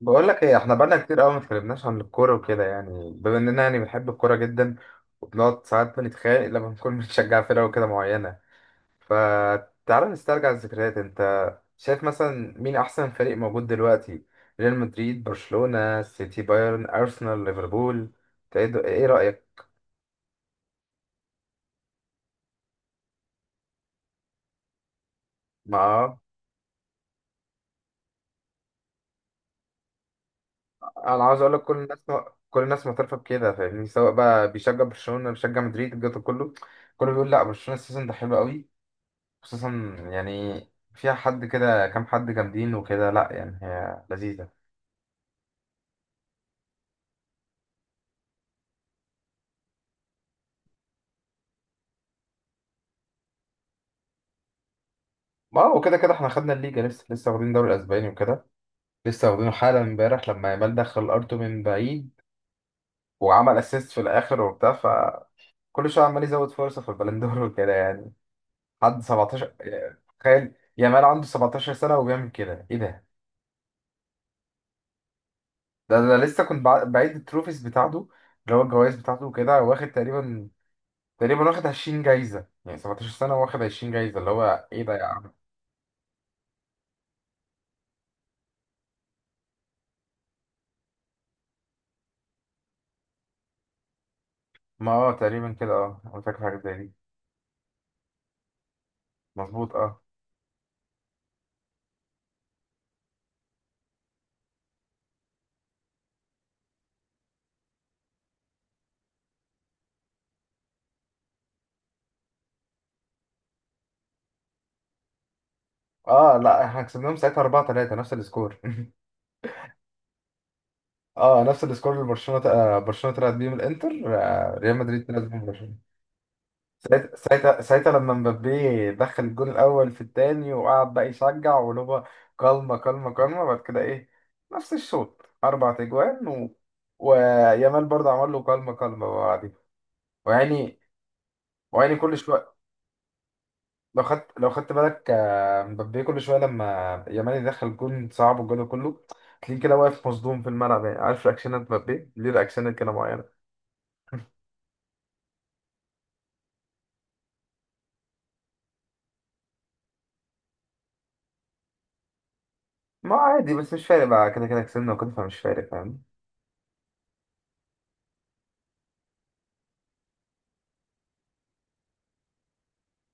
بقول لك ايه، احنا بقالنا كتير قوي ما اتكلمناش عن الكوره وكده. يعني بما اننا يعني بنحب الكوره جدا وبنقعد ساعات بنتخانق لما نكون بنشجع فرقه وكده معينه. فتعالى نسترجع الذكريات. انت شايف مثلا مين احسن فريق موجود دلوقتي؟ ريال مدريد، برشلونه، سيتي، بايرن، ارسنال، ليفربول. ايه رايك؟ ما آه، انا عاوز اقول لك كل الناس، كل الناس معترفه بكده، فاهمني؟ سواء بقى بيشجع برشلونه، بيشجع مدريد، الجو ده كله، كله بيقول لا، برشلونه السيزون ده حلو قوي. خصوصا يعني فيها حد كده، كام حد جامدين وكده. لا يعني هي لذيذة. ما هو كده كده احنا خدنا الليجا، لسه واخدين الدوري الاسباني وكده، لسه واخدينه حالا. امبارح لما يامال دخل ارتو من بعيد وعمل اسيست في الاخر وبتاع، فكل شويه عمال يزود فرصه في البلندور وكده يعني. حد 17، يعني تخيل يامال عنده 17 سنه وبيعمل كده، ايه ده! ده انا لسه كنت بعيد التروفيز بتاعته، اللي هو الجوائز بتاعته وكده. واخد تقريبا، تقريبا واخد 20 جايزه. يعني 17 سنه واخد 20 جايزه، اللي هو ايه ده يا عم! ما اه تقريبا كده، اه انا فاكر حاجه زي دي. مظبوط، اه. اه لا احنا كسبناهم ساعتها 4-3، نفس السكور اه نفس السكور اللي برشلونه ت- آه، برشلونه طلعت بيه من الانتر، ريال مدريد طلعت بيه من برشلونه. ساعتها لما مبابي دخل الجول الاول في الثاني وقعد بقى يشجع ولوبا، كلمه كلمه كلمه. بعد كده ايه، نفس الشوط اربع تجوان ويامال برضه عمل له كلمه كلمه بعدين ويعني ويعني كل شويه. لو خدت، لو خدت بالك مبابي كل شويه لما يامال يدخل جون صعب والجون كله، تلاقيه كده واقف مصدوم في الملعب. يعني عارف رياكشنات مبابي، ليه رياكشنات كده معينه. ما هو عادي، بس مش فارق بقى، كده كده كسبنا وكده، فمش فارق فاهم؟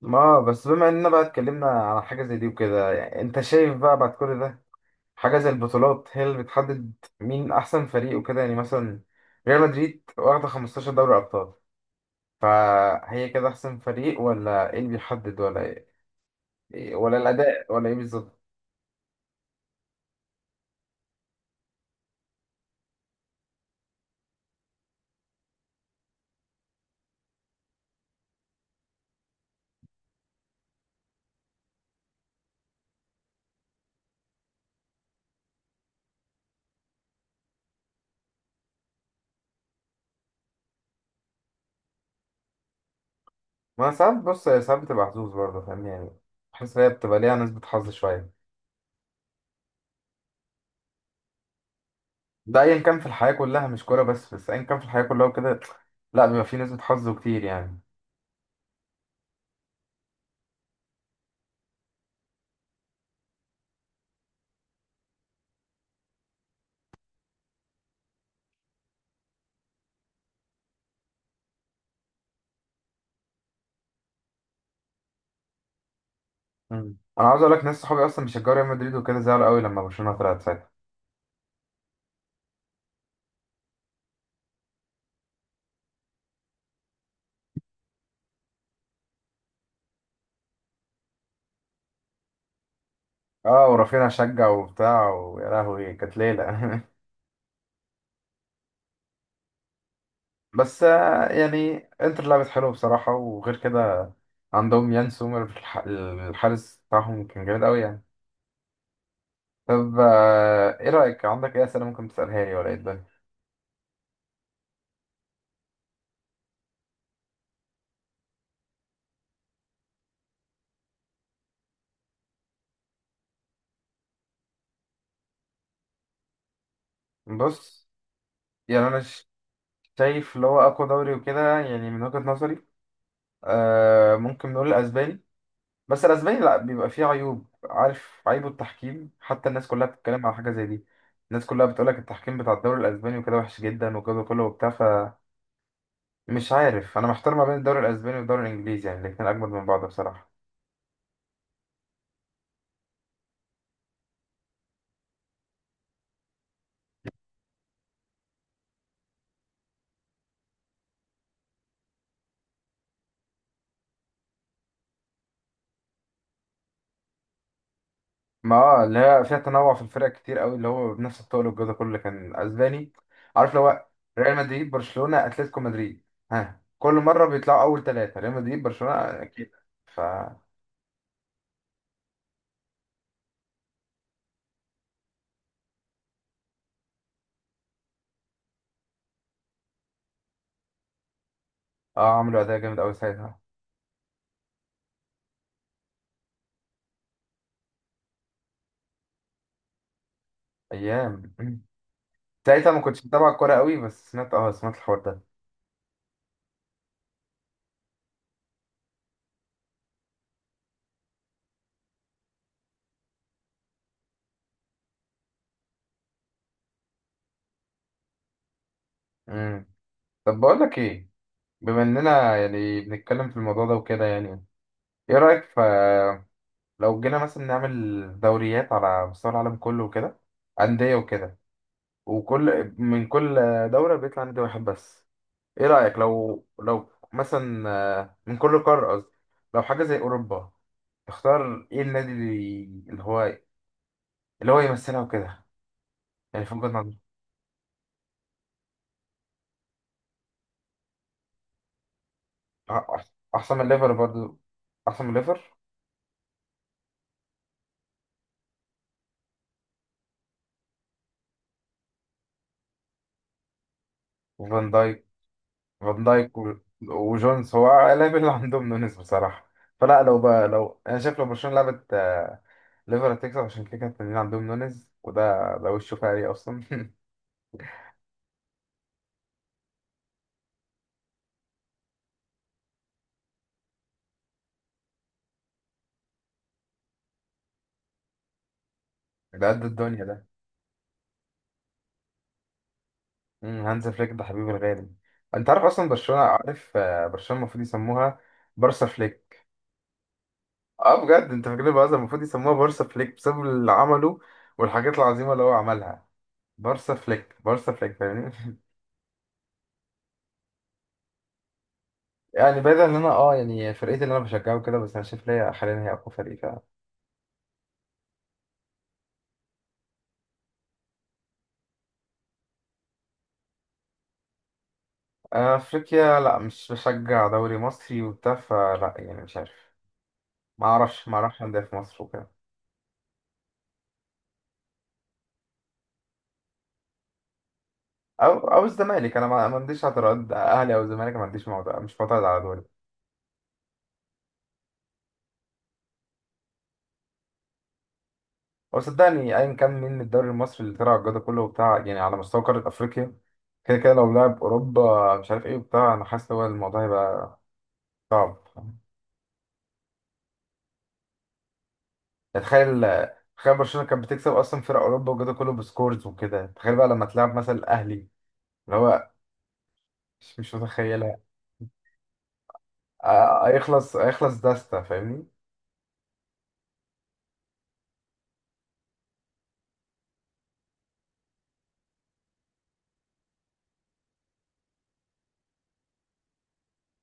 ما بس بما اننا بقى اتكلمنا على حاجه زي دي وكده، يعني انت شايف بقى بعد كل ده حاجه زي البطولات هي اللي بتحدد مين احسن فريق وكده؟ يعني مثلا ريال مدريد واخده 15 دوري ابطال، فهي كده احسن فريق؟ ولا ايه اللي بيحدد؟ ولا إيه، إيه، ولا الاداء ولا ايه بالظبط؟ ما أنا ساعات بص، هي ساعات بتبقى حظوظ برضه فاهمني. يعني بحس إن هي بتبقى ليها نسبة حظ شوية. ده أيا كان في الحياة كلها، مش كورة بس، بس أيا كان في الحياة كلها وكده، لا بيبقى فيه نسبة حظ كتير يعني. مم. أنا عاوز أقول لك ناس صحابي أصلا بيشجعوا ريال مدريد وكده، زعلوا قوي لما برشلونة طلعت ساعتها. أه ورافينيا شجع وبتاع، ويا لهوي كانت ليلة بس يعني انتر لعبت حلو بصراحة. وغير كده عندهم يان سومر، الحارس بتاعهم كان جامد قوي يعني. طب ايه رأيك، عندك ايه أسئلة ممكن تسألها لي ولا ايه الدنيا؟ بص، يعني انا شايف اللي هو اقوى دوري وكده يعني، من وجهة نظري آه ممكن نقول الاسباني. بس الاسباني لا بيبقى فيه عيوب، عارف عيبه؟ التحكيم، حتى الناس كلها بتتكلم على حاجة زي دي. الناس كلها بتقولك التحكيم بتاع الدوري الاسباني وكده وحش جدا وكده كله وبتاع. فمش عارف، انا محتار ما بين الدوري الاسباني والدوري الانجليزي، يعني الاتنين اجمد من بعض بصراحة. ما اه اللي هي فيها تنوع في الفرق كتير قوي، اللي هو بنفس الطول والجو ده كله. كان اسباني، عارف لو هو ريال مدريد، برشلونة، اتلتيكو مدريد، ها كل مرة بيطلعوا اول ثلاثة ريال مدريد برشلونة اكيد. ف اه عملوا اداء جامد قوي ساعتها. ايام ساعتها ما كنتش متابع الكورة قوي، بس سمعت، اه سمعت الحوار ده. امم. طب بقول لك ايه، بما اننا يعني بنتكلم في الموضوع ده وكده يعني، ايه رأيك ف لو جينا مثلا نعمل دوريات على مستوى العالم كله وكده، أندية وكده، وكل من كل دولة بيطلع نادي واحد بس. ايه رأيك لو مثلا من كل قارة قصدي، لو حاجة زي أوروبا، تختار ايه النادي اللي، اللي هو، اللي هو يمثلها وكده؟ يعني في وجهة نظري أح- أحسن من ليفر برضو، أحسن من ليفر. وفان دايك، فان دايك و- وجونز، هو اللاعب اللي عندهم نونيز بصراحة. فلا لو بقى، لو أنا شايف لو برشلونة لعبت ليفر هتكسب، عشان كده كانت التنين عندهم نونيز، وده وشه فقري أصلا ده قد الدنيا ده. مم، هانز فليك ده حبيبي الغالي. انت عارف اصلا برشلونه، عارف برشلونه المفروض يسموها بارسا فليك. اه بجد، انت فاكرين بقى المفروض يسموها بارسا فليك بسبب اللي عمله والحاجات العظيمه اللي هو عملها. بارسا فليك، بارسا فليك، فاهمني يعني بعيد ان انا اه يعني فرقتي اللي انا بشجعه كده، بس انا شايف ليا حاليا هي اقوى فريق فعلا. افريقيا لا مش بشجع دوري مصري وبتاع، فلا يعني مش عارف. ما اعرفش انديه في مصر وكده. او الزمالك، انا ما عنديش اعتراض، اهلي او الزمالك ما عنديش. معترض، مش معترض على دول. هو صدقني ايا كان مين من الدوري المصري اللي طلع الجدول كله وبتاع، يعني على مستوى قاره افريقيا كده كده، لو لعب اوروبا مش عارف ايه وبتاع، انا حاسس هو الموضوع هيبقى صعب. يعني تخيل، تخيل برشلونه كانت بتكسب اصلا فرق اوروبا والجدول كله بسكورز وكده، تخيل بقى لما تلعب مثلا الاهلي اللي هو، مش متخيلها. هيخلص داستا فاهمني.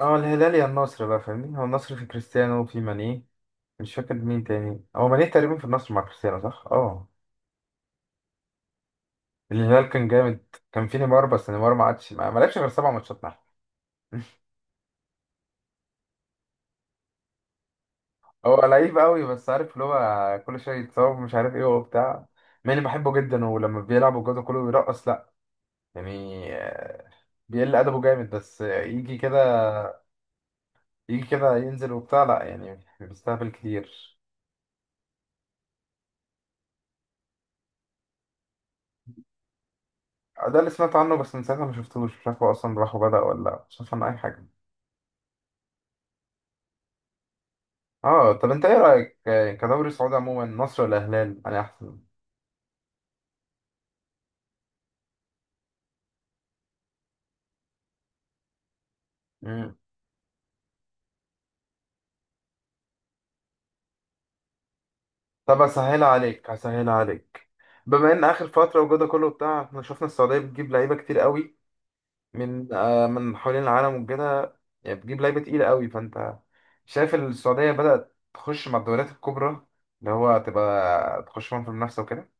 اه الهلال يا النصر بقى، فاهمني؟ هو النصر في كريستيانو وفي ماني، مش فاكر مين تاني، هو ماني تقريبا في النصر مع كريستيانو، صح اه. الهلال كان جامد، كان في نيمار، بس نيمار ما عادش، ما لعبش غير 7 ماتشات معاه هو لعيب قوي، بس عارف اللي هو كل شويه يتصاب مش عارف ايه وبتاع. ماني بحبه جدا، ولما بيلعب الجو كله بيرقص، لا يعني بيقل ادبه جامد. بس يجي كده، يجي كده ينزل وبتاع، لا يعني بيستهبل كتير. ده اللي سمعت عنه، بس من ساعتها ما شفتوش، مش عارف هو اصلا راح وبدأ ولا لا، مش عارف عنه اي حاجه. اه طب انت ايه رايك كدوري سعودي عموما، مصر ولا الهلال انا احسن؟ مم. طب هسهلها عليك، هسهلها عليك. بما ان اخر فتره وجوده كله بتاع، احنا شفنا السعوديه بتجيب لعيبه كتير قوي من من حوالين العالم وكده. يعني بتجيب لعيبه تقيله قوي. فانت شايف السعوديه بدات تخش مع الدوريات الكبرى، اللي هو تبقى تخش معاهم في المنافسه وكده؟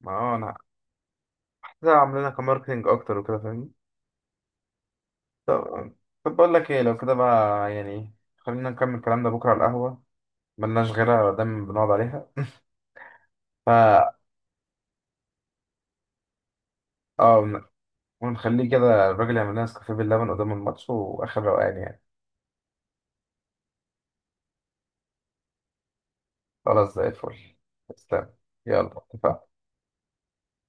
ما هو انا كده عاملينها كماركتنج اكتر وكده، فاهمني. طب طب بقول لك ايه، لو كده بقى يعني خلينا نكمل كلامنا بكره على القهوه. ملناش غيرها، دايما بنقعد عليها. فا اه ونخليه كده، الراجل يعمل لنا نسكافيه باللبن قدام الماتش واخر روقان يعني. خلاص زي الفل. تسلم. يلا اتفقنا.